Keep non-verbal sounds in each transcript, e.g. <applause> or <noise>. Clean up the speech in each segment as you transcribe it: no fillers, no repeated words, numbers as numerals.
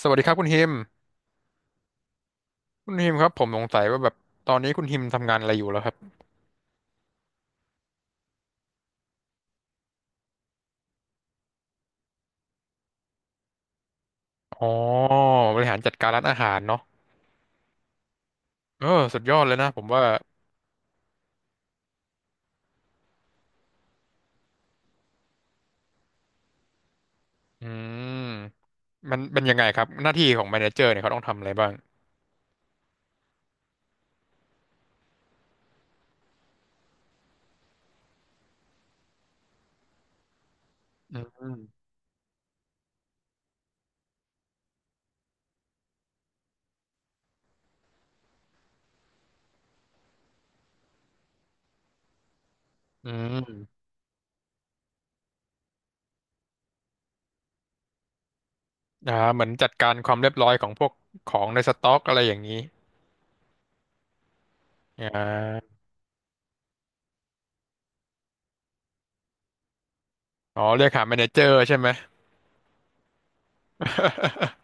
สวัสดีครับคุณฮิมคุณฮิมครับผมสงสัยว่าแบบตอนนี้คุณฮิมทำงานอะไรอยู่แล้วครับอ๋อบริหารจัดการร้านอาหารเนาะเออสุดยอดเลยนะผมว่าอืมมันเป็นยังไงครับหน้าที่ของแมเนเจอร์เนี่ยเขาต้องทำอะไรบ้างอืมอืมเหมือนจัดการความเรียบร้อยของพวกของในสต็อกอะไรอย่างนี้อ่าอ๋อเรียกหาแมเนเจอร์ใช่ไหม <laughs>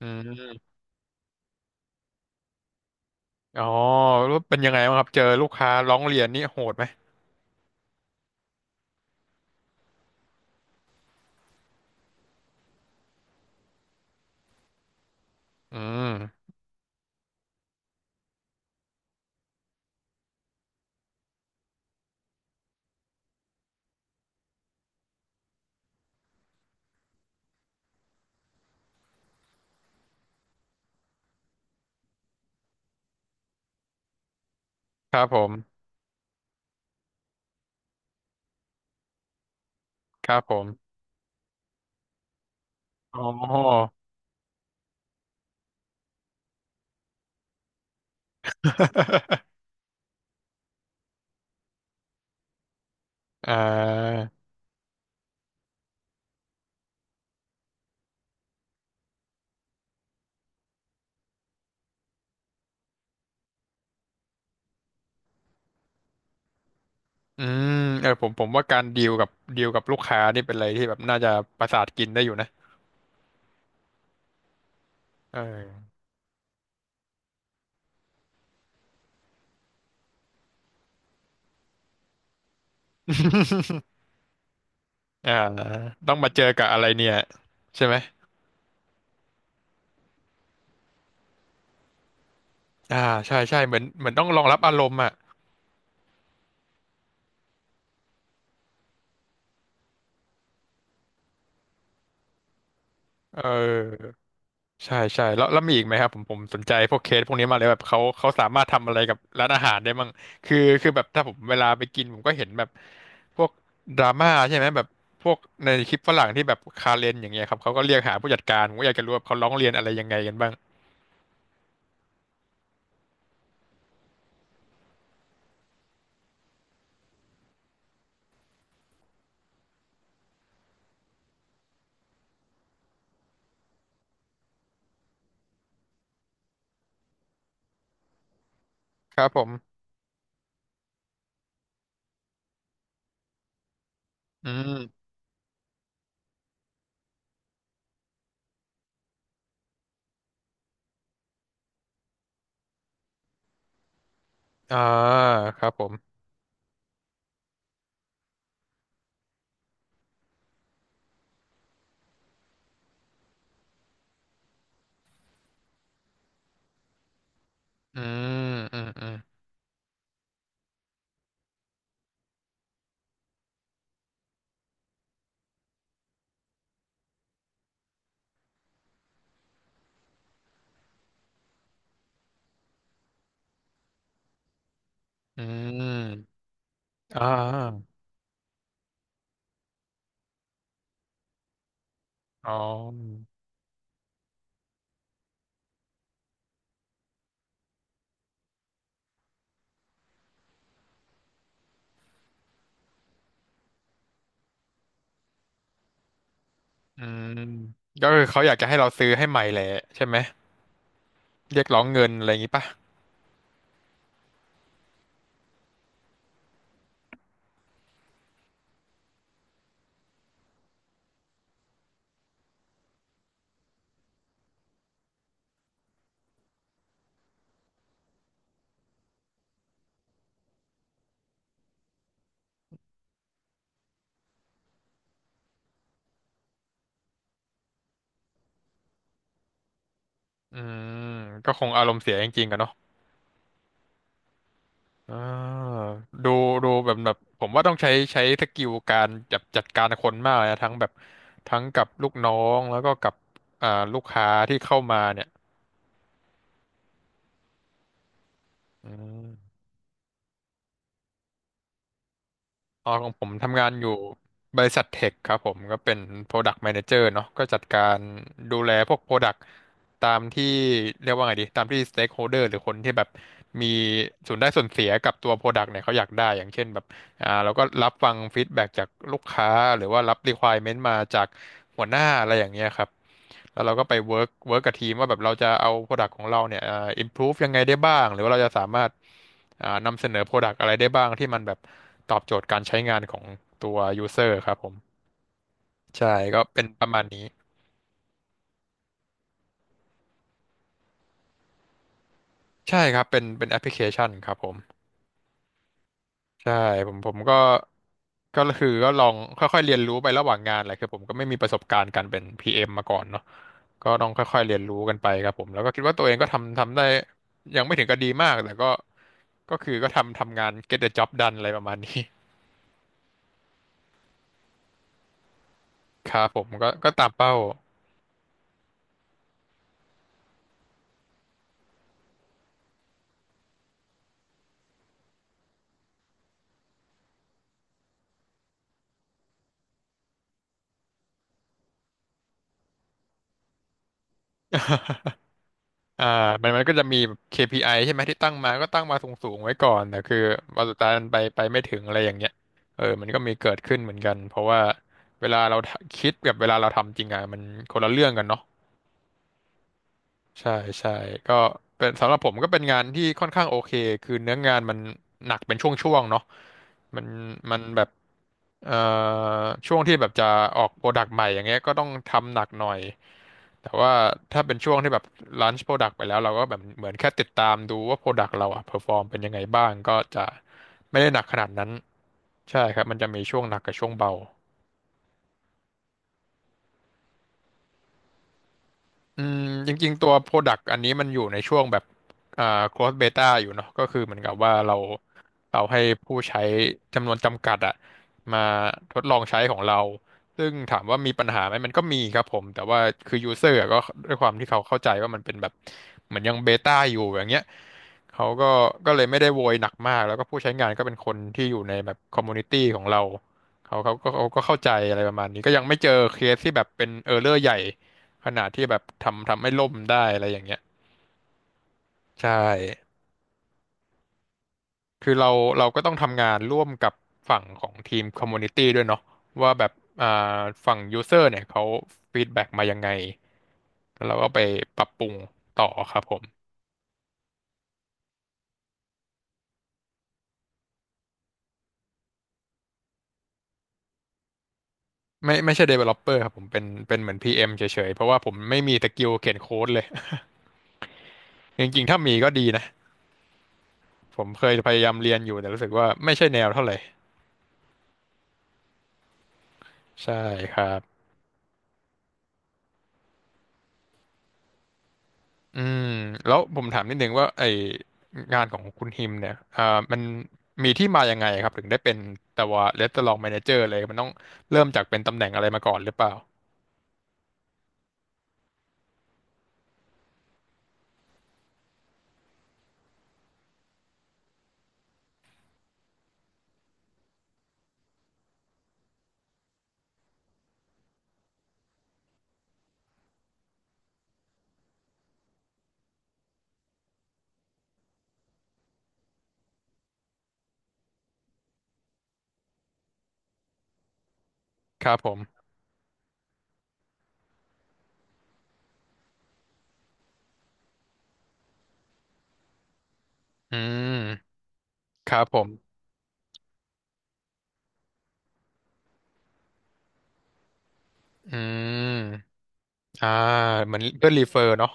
อืมอ๋อแล้วเป็นยังไงบ้างครับเจอลูกค้าร้องเรียนนี่โหดไหมอืมครับผมครับผมอ๋อ <laughs> อ่าอืมเออผมว่าการดีลกับดีลกับลูกค้านี่เป็นอะไรที่แบบน่าจะประสาทกินได้อยู่นะเอออ่าต้องมาเจอกับอะไรเนี่ยใช่ไหมอ่าใช่ใช่เหมือนเหมือนต้องรองรับอารมณ์อ่ะเออ ใช่ใช่แล้วแล้วมีอีกไหมครับผมสนใจพวกเคสพวกนี้มากเลยแบบเขาเขาสามารถทำอะไรกับร้านอาหารได้มั่งคือคือแบบถ้าผมเวลาไปกินผมก็เห็นแบบพวกดราม่าใช่ไหมแบบพวกในคลิปฝรั่งที่แบบคาเรนอย่างเงี้ยครับเขาก็เรียกหาผู้จัดการผมก็อยากจะรู้ว่าเขาร้องเรียนอะไรยังไงกันบ้างครับผมอืมอ่าครับผมอืมอืมอืมอืมอ่าอ๋ออืมก็คือเขาอยากจะให้เราซื้อให้ใหม่แหละใช่ไหมเรียกร้องเงินอะไรอย่างงี้ปะ อืมก็คงอารมณ์เสียจริงๆกันเนาะอ่าดูดูแบบแบบผมว่าต้องใช้ใช้สกิลการจัดจัดการคนมากเลยนะทั้งแบบทั้งกับลูกน้องแล้วก็กับอ่าลูกค้าที่เข้ามาเนี่ยอืม อ๋อของผมทำงานอยู่บริษัทเทคครับผมก็เป็น Product Manager เนาะก็จัดการดูแลพวก Product ตามที่เรียกว่าไงดีตามที่ Stakeholder หรือคนที่แบบมีส่วนได้ส่วนเสียกับตัว Product เนี่ยเขาอยากได้อย่างเช่นแบบเราก็รับฟังฟีดแบ็กจากลูกค้าหรือว่ารับ Requirement มาจากหัวหน้าอะไรอย่างเงี้ยครับแล้วเราก็ไป work กับทีมว่าแบบเราจะเอา Product ของเราเนี่ยimprove ยังไงได้บ้างหรือว่าเราจะสามารถ นำเสนอ Product อะไรได้บ้างที่มันแบบตอบโจทย์การใช้งานของตัว User ครับผมใช่ก็เป็นประมาณนี้ใช่ครับเป็นแอปพลิเคชันครับผมใช่ผมผมก็ก็คือก็ลองค่อยๆเรียนรู้ไประหว่างงานแหละคือผมก็ไม่มีประสบการณ์การเป็น PM มมาก่อนเนาะก็ต้องค่อยๆเรียนรู้กันไปครับผมแล้วก็คิดว่าตัวเองก็ทำทำได้ยังไม่ถึงกับดีมากแต่ก็ก็คือก็ทำทำงาน get the job done อะไรประมาณนี้ <laughs> ครับผมก็ก็ตามเป้า อ่ามันมันก็จะมีแบบ KPI ใช่ไหมที่ตั้งมาก็ตั้งมาสูงๆไว้ก่อนแต่คือวันสุดท้ายมันไปไปไม่ถึงอะไรอย่างเงี้ยเออมันก็มีเกิดขึ้นเหมือนกันเพราะว่าเวลาเราทะคิดกับเวลาเราทำจริงอ่ะมันคนละเรื่องกันเนาะ ใช่ใช่ก็เป็นสำหรับผมก็เป็นงานที่ค่อนข้างโอเคคือเนื้องานมันหนักเป็นช่วงๆเนาะมันมันแบบเอ่อช่วงที่แบบจะออกโปรดักต์ใหม่อย่างเงี้ยก็ต้องทำหนักหน่อยแต่ว่าถ้าเป็นช่วงที่แบบลันช์โปรดักต์ไปแล้วเราก็แบบเหมือนแค่ติดตามดูว่าโปรดักต์เราอะเพอร์ฟอร์มเป็นยังไงบ้างก็จะไม่ได้หนักขนาดนั้นใช่ครับมันจะมีช่วงหนักกับช่วงเบา อืมจริงๆตัว Product อันนี้มันอยู่ในช่วงแบบอ่า closed beta อยู่เนาะก็คือเหมือนกับว่าเราเราให้ผู้ใช้จำนวนจำกัดอะมาทดลองใช้ของเราซึ่งถามว่ามีปัญหาไหมมันก็มีครับผมแต่ว่าคือ user อะก็ด้วยความที่เขาเข้าใจว่ามันเป็นแบบเหมือนยังเบต้าอยู่อย่างเงี้ยเขาก็ก็เลยไม่ได้โวยหนักมากแล้วก็ผู้ใช้งานก็เป็นคนที่อยู่ในแบบคอมมูนิตี้ของเราเขาก็เข้าใจอะไรประมาณนี้ก็ยังไม่เจอเคสที่แบบเป็นเออร์เรอร์ใหญ่ ขนาดที่แบบทำทำให้ล่มได้อะไรอย่างเงี้ยใช่คือเราเราก็ต้องทำงานร่วมกับฝั่งของทีมคอมมูนิตี้ด้วยเนาะว่าแบบอ่าฝั่งยูเซอร์เนี่ยเขาฟีดแบ็กมายังไงแล้วเราก็ไปปรับปรุงต่อครับผมไม่ใช่ developer ครับผมเป็นเหมือน PM เอ็มเฉยๆเพราะว่าผมไม่มีสกิลเขียนโค้ดเลย <laughs> จริงๆถ้ามีก็ดีนะผมเคยพยายามเรียนอยู่แต่รู้สึกว่าไม่ใช่แนวเท่าไหร่ใช่ครับ อืมแล้วผมถามนิดนึงว่าไองานของคุณฮิมเนี่ยมันมีที่มายังไงครับถึงได้เป็นแต่ว่าเรส t ต u ร a องแมเนเจอร์เลยมันต้องเริ่มจากเป็นตำแหน่งอะไรมาก่อนหรือเปล่าครับผมอืมครับผมอืมอ่าเหมือนเพื่อนรีเฟอร์เนาะ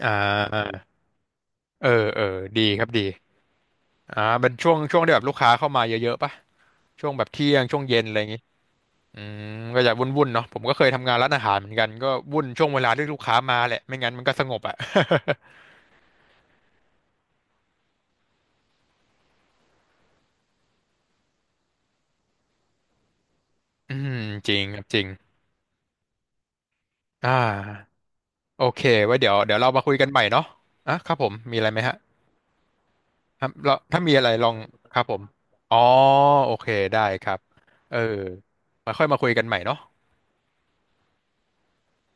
อ่าเออเออดีครับดีเป็นช่วงช่วงที่แบบลูกค้าเข้ามาเยอะๆป่ะช่วงแบบเที่ยงช่วงเย็นอะไรอย่างงี้ อืมก็อย่าวุ่นๆเนาะผมก็เคยทำงานร้านอาหารเหมือนกันก็วุ่นช่วงเวลาที่ลูกค้ามาแหละไม่งั้นมันก็สงบอ่ะ <laughs> อืมจริงครับจริงอ่าโอเคไว้เดี๋ยวเดี๋ยวเรามาคุยกันใหม่เนาะอ่ะครับผมมีอะไรไหมฮะครับเราถ้ามีอะไรลองครับผมอ๋อโอเคได้ครับเออมาค่อยมาคุยกันใหม่เนาะ